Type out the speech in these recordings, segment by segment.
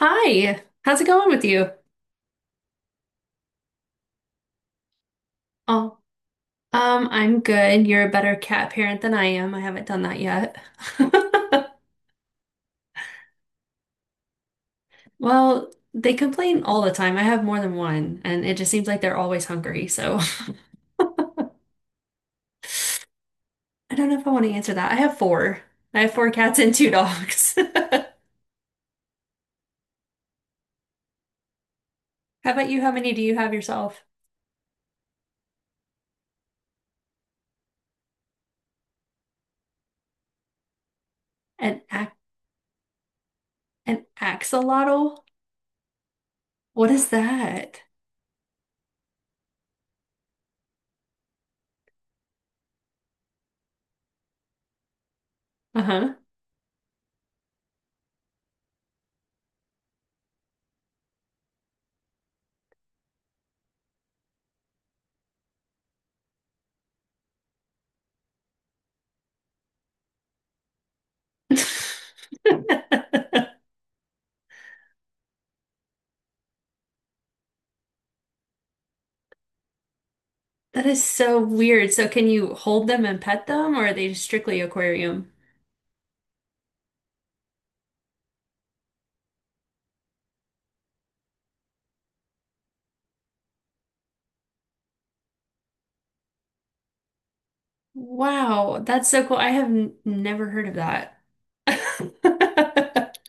Hi, how's it going with you? Oh, I'm good. You're a better cat parent than I am. I haven't done that yet. Well, they complain all the time. I have more than one, and it just seems like they're always hungry. So I don't know if I want to answer that. I have four. I have four cats and two dogs. How about you? How many do you have yourself? An ac an axolotl? What is that? Uh-huh. That is so weird. So can you hold them and pet them, or are they just strictly aquarium? Wow, that's so cool. I have n never heard of that.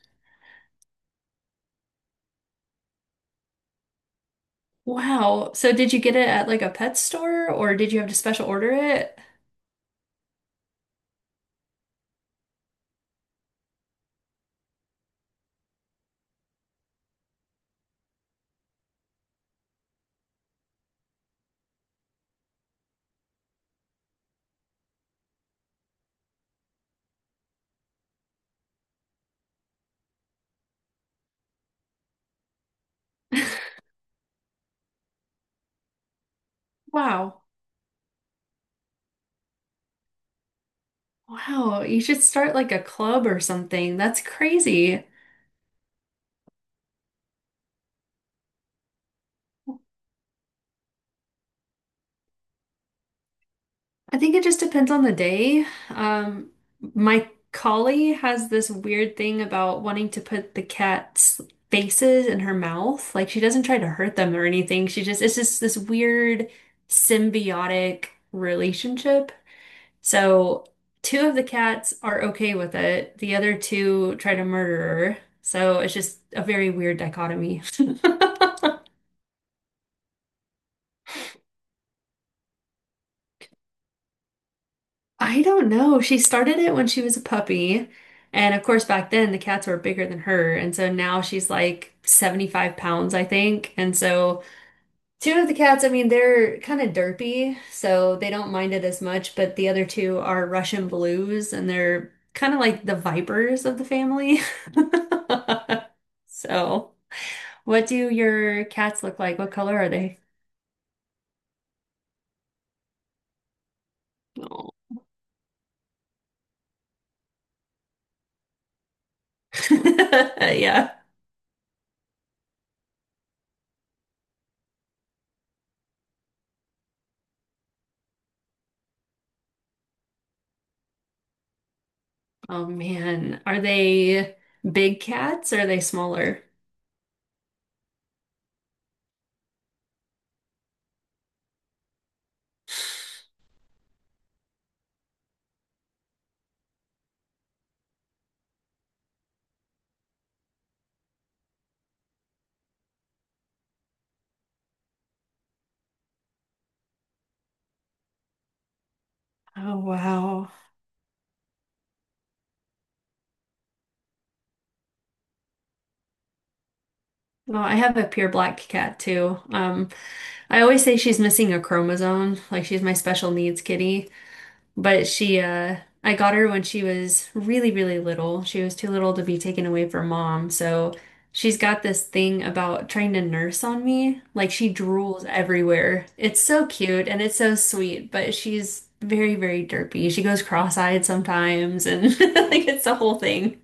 Wow. So did you get it at like a pet store or did you have to special order it? Wow. Wow. You should start like a club or something. That's crazy. I think it just depends on the day. My collie has this weird thing about wanting to put the cat's faces in her mouth. Like she doesn't try to hurt them or anything. She just, it's just this weird symbiotic relationship. So two of the cats are okay with it. The other two try to murder her. So it's just a very weird dichotomy. I don't know. She started it when she was a puppy. And of course, back then the cats were bigger than her. And so now she's like 75 pounds, I think. And so two of the cats, I mean, they're kind of derpy, so they don't mind it as much. But the other two are Russian blues, and they're kind of like the vipers of the family. So, what do your cats look like? What color are they? Oh. Yeah. Oh man, are they big cats or are they smaller? Oh wow. Well, I have a pure black cat too. I always say she's missing a chromosome, like she's my special needs kitty. But I got her when she was really, really little. She was too little to be taken away from mom. So she's got this thing about trying to nurse on me. Like she drools everywhere. It's so cute and it's so sweet, but she's very, very derpy. She goes cross-eyed sometimes and like it's the whole thing.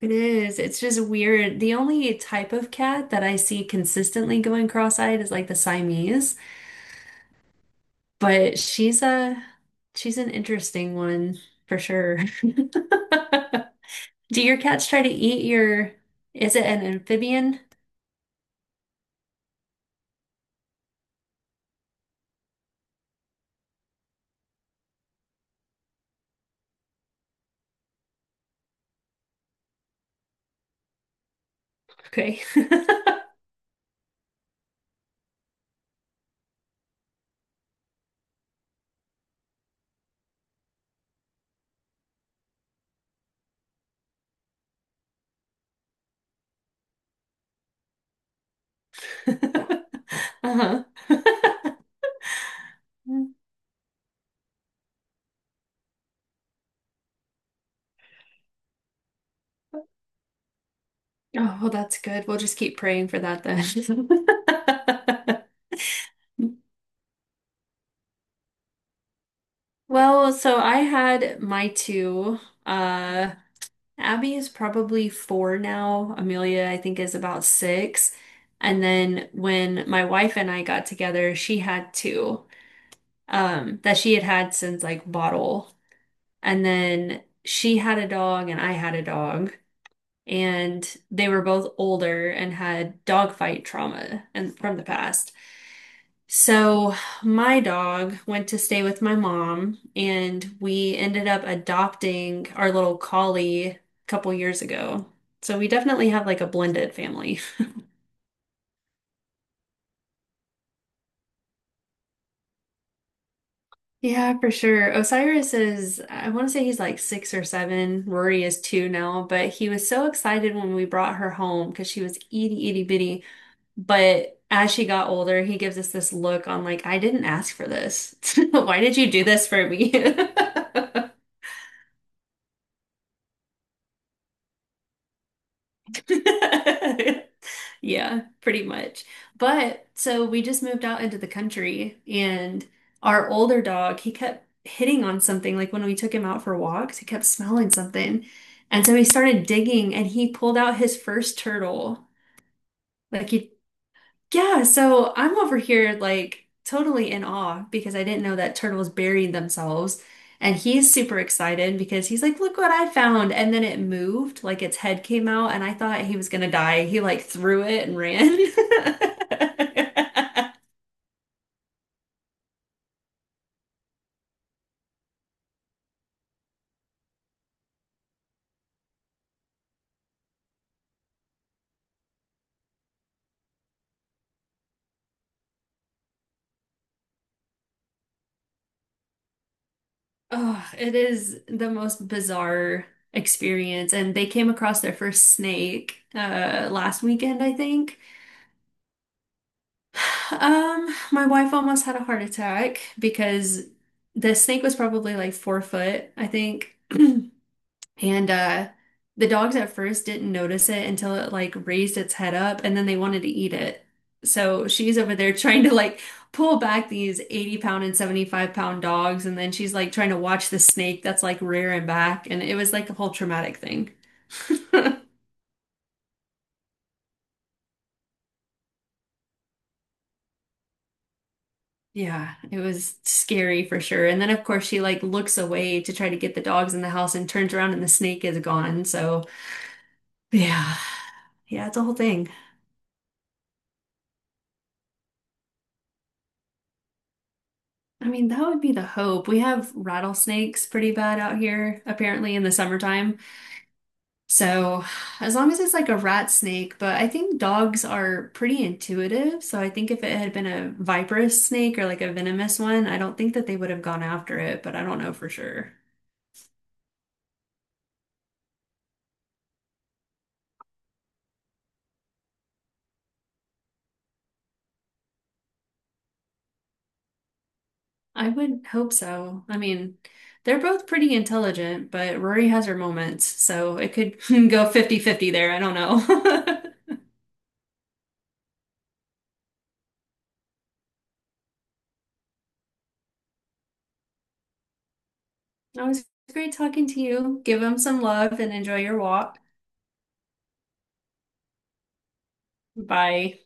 It is. It's just weird. The only type of cat that I see consistently going cross-eyed is like the Siamese. But she's an interesting one for sure. Do your cats try to eat your, is it an amphibian? Okay. Uh-huh. Oh, well, that's good. We'll just keep praying for that then. Well, so I had my two. Uh, Abby is probably four now. Amelia, I think, is about six. And then when my wife and I got together, she had two. That she had had since like bottle. And then she had a dog and I had a dog. And they were both older and had dog fight trauma and from the past. So my dog went to stay with my mom, and we ended up adopting our little collie a couple years ago. So we definitely have like a blended family. Yeah, for sure. Osiris is, I want to say he's like six or seven. Rory is two now, but he was so excited when we brought her home because she was itty bitty. But as she got older, he gives us this look on like, I didn't ask for this. Why did you do this for me? Yeah, pretty much. But so we just moved out into the country, and our older dog, he kept hitting on something. Like when we took him out for walks, he kept smelling something. And so he started digging and he pulled out his first turtle. Like he Yeah, so I'm over here like totally in awe because I didn't know that turtles buried themselves. And he's super excited because he's like, look what I found. And then it moved, like its head came out, and I thought he was gonna die. He like threw it and ran. Oh, it is the most bizarre experience. And they came across their first snake last weekend, I think. My wife almost had a heart attack because the snake was probably like 4 foot, I think. And the dogs at first didn't notice it until it like raised its head up and then they wanted to eat it. So she's over there trying to like pull back these 80 pound and 75 pound dogs and then she's like trying to watch the snake that's like rearing back and it was like a whole traumatic thing. Yeah, it was scary for sure. And then of course she like looks away to try to get the dogs in the house and turns around and the snake is gone. So yeah, yeah, it's a whole thing. I mean, that would be the hope. We have rattlesnakes pretty bad out here, apparently in the summertime. So as long as it's like a rat snake, but I think dogs are pretty intuitive. So I think if it had been a viperous snake or like a venomous one, I don't think that they would have gone after it, but I don't know for sure. I would hope so. I mean, they're both pretty intelligent, but Rory has her moments, so it could go fifty-fifty there. I don't know. It was great talking to you. Give them some love and enjoy your walk. Bye.